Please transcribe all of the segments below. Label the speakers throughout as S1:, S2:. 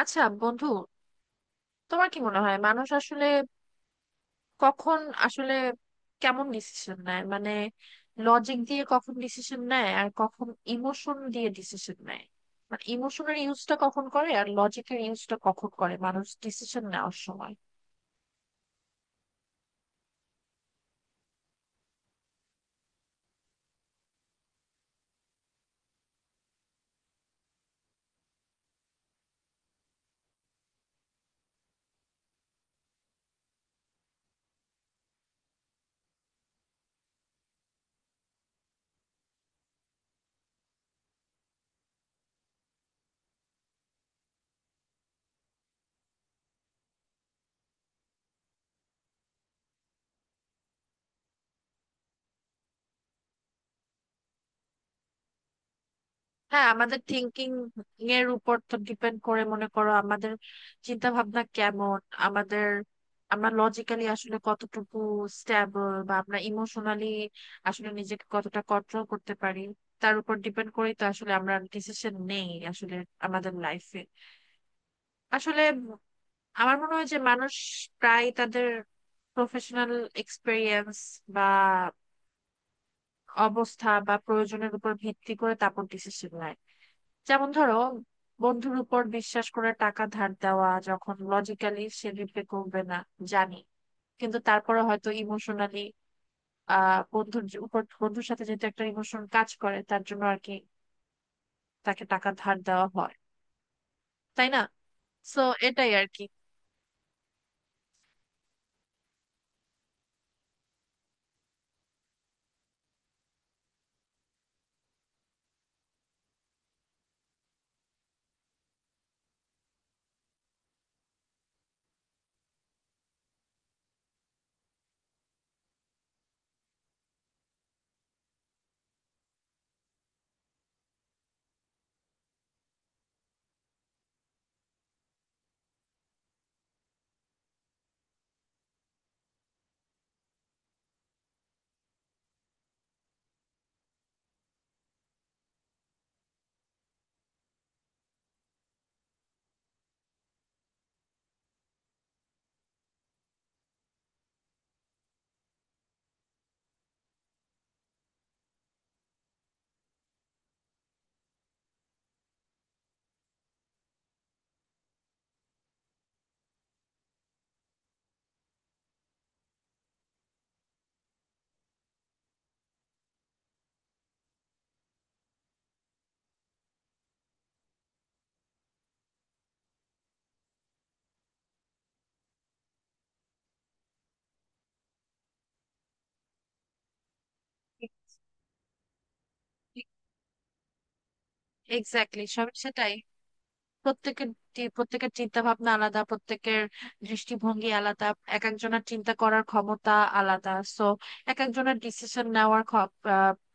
S1: আচ্ছা বন্ধু, তোমার কি মনে হয় মানুষ আসলে কখন আসলে কেমন ডিসিশন নেয়? মানে লজিক দিয়ে কখন ডিসিশন নেয় আর কখন ইমোশন দিয়ে ডিসিশন নেয়, মানে ইমোশনের ইউজটা কখন করে আর লজিকের ইউজটা কখন করে মানুষ ডিসিশন নেওয়ার সময়? হ্যাঁ, আমাদের থিঙ্কিং এর উপর তো ডিপেন্ড করে মনে করো আমাদের চিন্তা ভাবনা কেমন, আমাদের আমরা লজিক্যালি আসলে কতটুকু স্ট্যাবল বা আমরা ইমোশনালি আসলে নিজেকে কতটা কন্ট্রোল করতে পারি, তার উপর ডিপেন্ড করেই তো আসলে আমরা ডিসিশন নেই আসলে আমাদের লাইফে। আসলে আমার মনে হয় যে মানুষ প্রায় তাদের প্রফেশনাল এক্সপেরিয়েন্স বা অবস্থা বা প্রয়োজনের উপর ভিত্তি করে তারপর ডিসিশন নেয়। যেমন ধরো, বন্ধুর উপর বিশ্বাস করে টাকা ধার দেওয়া, যখন লজিক্যালি সে রিপে করবে না জানি, কিন্তু তারপরে হয়তো ইমোশনালি উপর বন্ধুর সাথে যেহেতু একটা ইমোশন কাজ করে, তার জন্য আর কি তাকে টাকা ধার দেওয়া হয়, তাই না? সো এটাই আর কি। এক্স্যাক্টলি, সব সেটাই। প্রত্যেকের প্রত্যেকের চিন্তা ভাবনা আলাদা, প্রত্যেকের দৃষ্টিভঙ্গি আলাদা, এক একজনের চিন্তা করার ক্ষমতা আলাদা। সো এক একজনের ডিসিশন নেওয়ার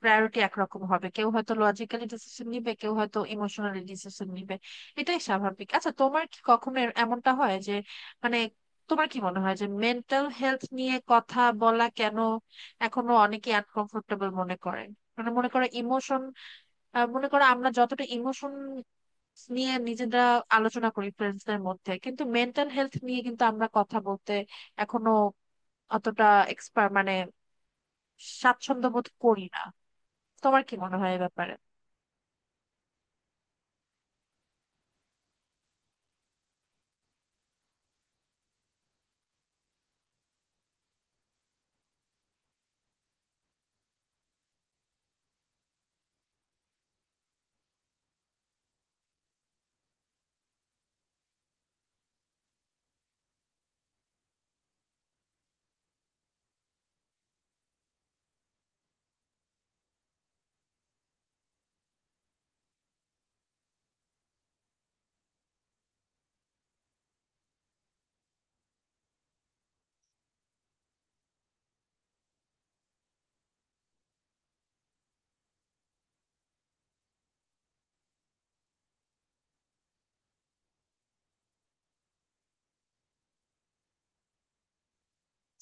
S1: প্রায়োরিটি একরকম হবে, কেউ হয়তো লজিক্যালি ডিসিশন নিবে, কেউ হয়তো ইমোশনালি ডিসিশন নিবে, এটাই স্বাভাবিক। আচ্ছা, তোমার কি কখনো এমনটা হয় যে মানে তোমার কি মনে হয় যে মেন্টাল হেলথ নিয়ে কথা বলা কেন এখনো অনেকে আনকমফোর্টেবল মনে করে? মানে মনে করো ইমোশন, মনে করো আমরা যতটা ইমোশন নিয়ে নিজেরা আলোচনা করি ফ্রেন্ডসদের মধ্যে, কিন্তু মেন্টাল হেলথ নিয়ে কিন্তু আমরা কথা বলতে এখনো অতটা এক্সপার্ট মানে স্বাচ্ছন্দ্য বোধ করি না। তোমার কি মনে হয় এ ব্যাপারে?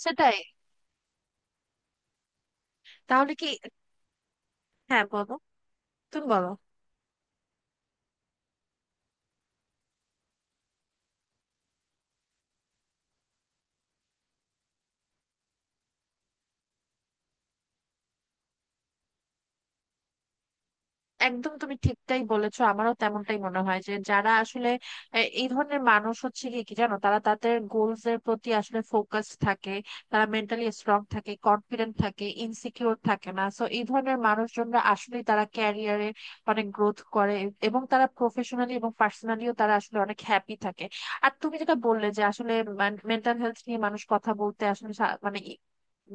S1: সেটাই। তাহলে কি? হ্যাঁ বলো, তুমি বলো। একদম, তুমি ঠিকটাই বলেছো, আমারও তেমনটাই মনে হয় যে যারা আসলে এই ধরনের মানুষ হচ্ছে, কি কি জানো, তারা তাদের গোলস এর প্রতি আসলে ফোকাস থাকে, তারা মেন্টালি স্ট্রং থাকে, কনফিডেন্ট থাকে, ইনসিকিউর থাকে না। সো এই ধরনের মানুষজনরা আসলে তারা ক্যারিয়ারে অনেক গ্রোথ করে, এবং তারা প্রফেশনালি এবং পার্সোনালিও তারা আসলে অনেক হ্যাপি থাকে। আর তুমি যেটা বললে যে আসলে মেন্টাল হেলথ নিয়ে মানুষ কথা বলতে আসলে মানে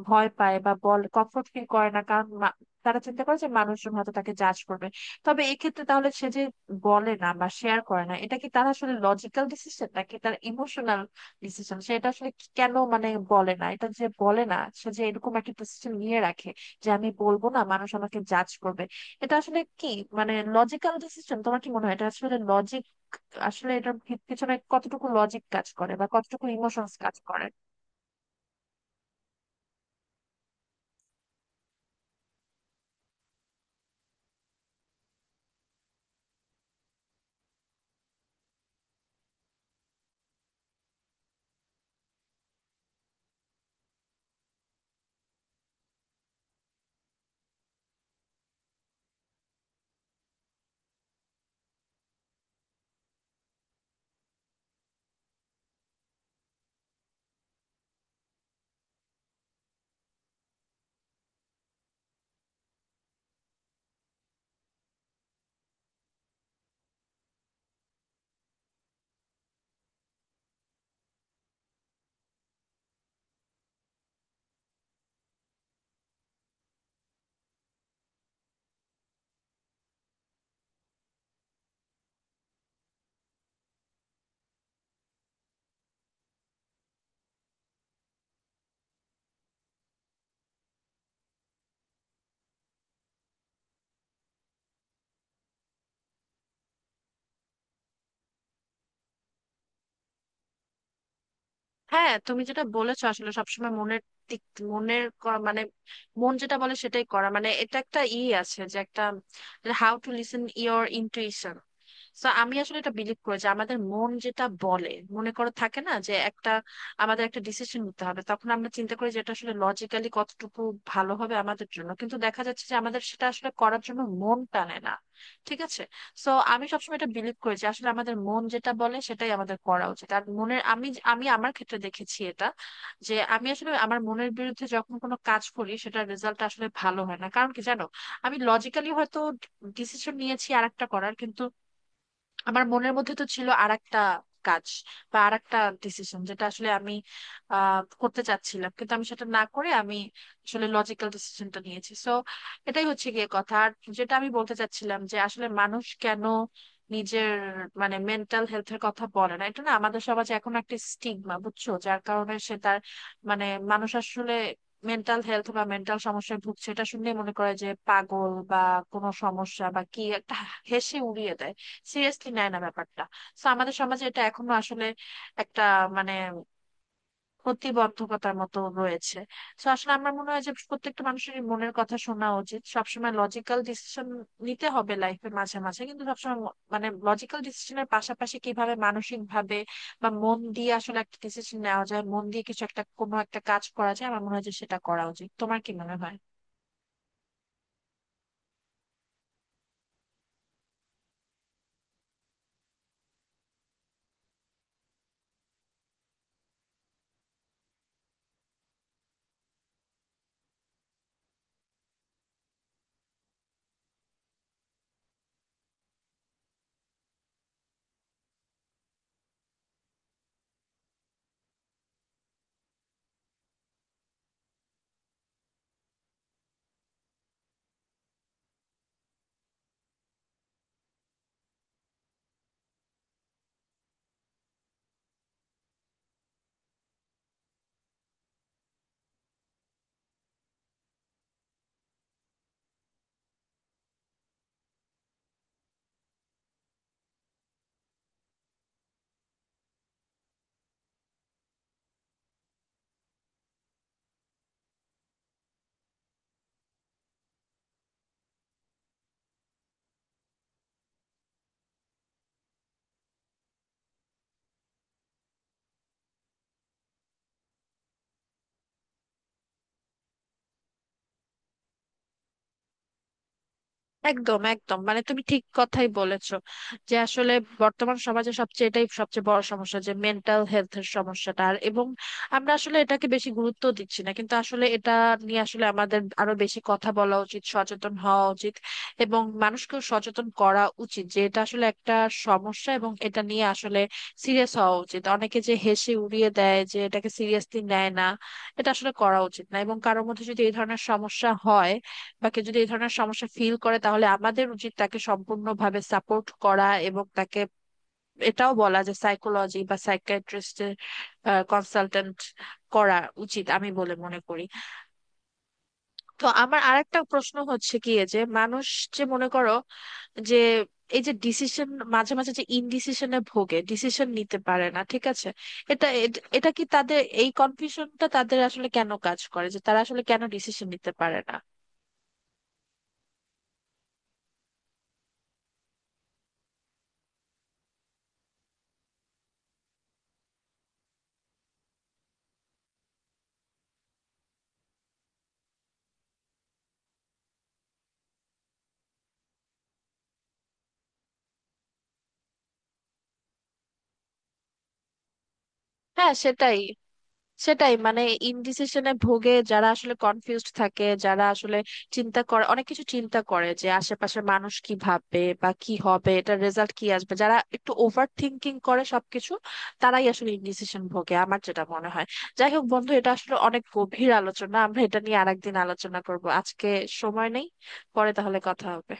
S1: ভয় পায় বা বল কমফোর্ট ফিল করে না, কারণ তারা চিন্তা করে যে মানুষজন হয়তো তাকে জাজ করবে। তবে এক্ষেত্রে তাহলে সে যে বলে না বা শেয়ার করে না, এটা কি তার আসলে লজিক্যাল ডিসিশন নাকি তার ইমোশনাল ডিসিশন? সেটা আসলে কেন মানে বলে না, এটা যে বলে না, সে যে এরকম একটা ডিসিশন নিয়ে রাখে যে আমি বলবো না, মানুষ আমাকে জাজ করবে, এটা আসলে কি মানে লজিক্যাল ডিসিশন? তোমার কি মনে হয় এটা আসলে লজিক আসলে এটার পিছনে কতটুকু লজিক কাজ করে বা কতটুকু ইমোশনস কাজ করে? হ্যাঁ, তুমি যেটা বলেছো আসলে সবসময় মনের দিক মনের ক- মানে মন যেটা বলে সেটাই করা, মানে এটা একটা ই আছে যে একটা how to listen your intuition. তো আমি আসলে এটা বিলিভ করি যে আমাদের মন যেটা বলে, মনে করো থাকে না যে একটা আমাদের একটা ডিসিশন নিতে হবে, তখন আমরা চিন্তা করি যে এটা আসলে লজিক্যালি কতটুকু ভালো হবে আমাদের জন্য, কিন্তু দেখা যাচ্ছে যে আমাদের সেটা আসলে করার জন্য মন টানে না, ঠিক আছে। সো আমি সবসময় এটা বিলিভ করি যে আসলে আমাদের মন যেটা বলে সেটাই আমাদের করা উচিত। আর মনের আমি আমি আমার ক্ষেত্রে দেখেছি এটা, যে আমি আসলে আমার মনের বিরুদ্ধে যখন কোনো কাজ করি, সেটার রেজাল্ট আসলে ভালো হয় না। কারণ কি জানো, আমি লজিক্যালি হয়তো ডিসিশন নিয়েছি আরেকটা করার, কিন্তু আমার মনের মধ্যে তো ছিল আর একটা কাজ বা আর একটা ডিসিশন যেটা আসলে আমি করতে চাচ্ছিলাম, কিন্তু আমি সেটা না করে আমি আসলে লজিক্যাল ডিসিশনটা নিয়েছি। সো এটাই হচ্ছে গিয়ে কথা। আর যেটা আমি বলতে চাচ্ছিলাম যে আসলে মানুষ কেন নিজের মানে মেন্টাল হেলথের কথা বলে না, এটা না আমাদের সমাজে এখন একটা স্টিগমা, বুঝছো, যার কারণে সে তার মানে মানুষ আসলে মেন্টাল হেলথ বা মেন্টাল সমস্যায় ভুগছে এটা শুনলে মনে করে যে পাগল বা কোনো সমস্যা বা কি একটা, হেসে উড়িয়ে দেয়, সিরিয়াসলি নেয় না ব্যাপারটা। তো আমাদের সমাজে এটা এখনো আসলে একটা মানে প্রতিবন্ধকতার মতো রয়েছে। তো আসলে আমার মনে হয় যে প্রত্যেকটা মানুষের মনের কথা শোনা উচিত, সবসময় লজিক্যাল ডিসিশন নিতে হবে লাইফে মাঝে মাঝে, কিন্তু সবসময় মানে লজিক্যাল ডিসিশনের পাশাপাশি কিভাবে মানসিক ভাবে বা মন দিয়ে আসলে একটা ডিসিশন নেওয়া যায়, মন দিয়ে কিছু একটা কোনো একটা কাজ করা যায়, আমার মনে হয় যে সেটা করা উচিত। তোমার কি মনে হয়? একদম একদম মানে তুমি ঠিক কথাই বলেছো যে আসলে বর্তমান সমাজে সবচেয়ে এটাই সবচেয়ে বড় সমস্যা যে মেন্টাল হেলথের সমস্যাটা। আর এবং আমরা আসলে এটাকে বেশি গুরুত্ব দিচ্ছি না, কিন্তু আসলে এটা নিয়ে আসলে আমাদের আরো বেশি কথা বলা উচিত, সচেতন হওয়া উচিত, এবং মানুষকেও সচেতন করা উচিত যে এটা আসলে একটা সমস্যা এবং এটা নিয়ে আসলে সিরিয়াস হওয়া উচিত। অনেকে যে হেসে উড়িয়ে দেয়, যে এটাকে সিরিয়াসলি নেয় না, এটা আসলে করা উচিত না। এবং কারোর মধ্যে যদি এই ধরনের সমস্যা হয় বা কেউ যদি এই ধরনের সমস্যা ফিল করে, তাহলে আমাদের উচিত তাকে সম্পূর্ণভাবে সাপোর্ট করা এবং তাকে এটাও বলা যে সাইকোলজি বা সাইকিয়াট্রিস্টের কনসালটেন্ট করা উচিত আমি বলে মনে করি। তো আমার আরেকটা প্রশ্ন হচ্ছে কি যে মানুষ যে মনে করো যে এই যে ডিসিশন, মাঝে মাঝে যে ইনডিসিশনে ভোগে, ডিসিশন নিতে পারে না, ঠিক আছে, এটা এটা কি তাদের এই কনফিউশনটা তাদের আসলে কেন কাজ করে, যে তারা আসলে কেন ডিসিশন নিতে পারে না? হ্যাঁ, সেটাই। সেটাই মানে ইনডিসিশনে ভোগে যারা, আসলে কনফিউজড থাকে যারা, আসলে চিন্তা করে অনেক কিছু চিন্তা করে যে আশেপাশে মানুষ কি ভাববে বা কি হবে, এটার রেজাল্ট কি আসবে, যারা একটু ওভার থিংকিং করে সবকিছু, তারাই আসলে ইনডিসিশন ভোগে আমার যেটা মনে হয়। যাই হোক বন্ধু, এটা আসলে অনেক গভীর আলোচনা, আমরা এটা নিয়ে আরেকদিন আলোচনা করব, আজকে সময় নেই। পরে তাহলে কথা হবে।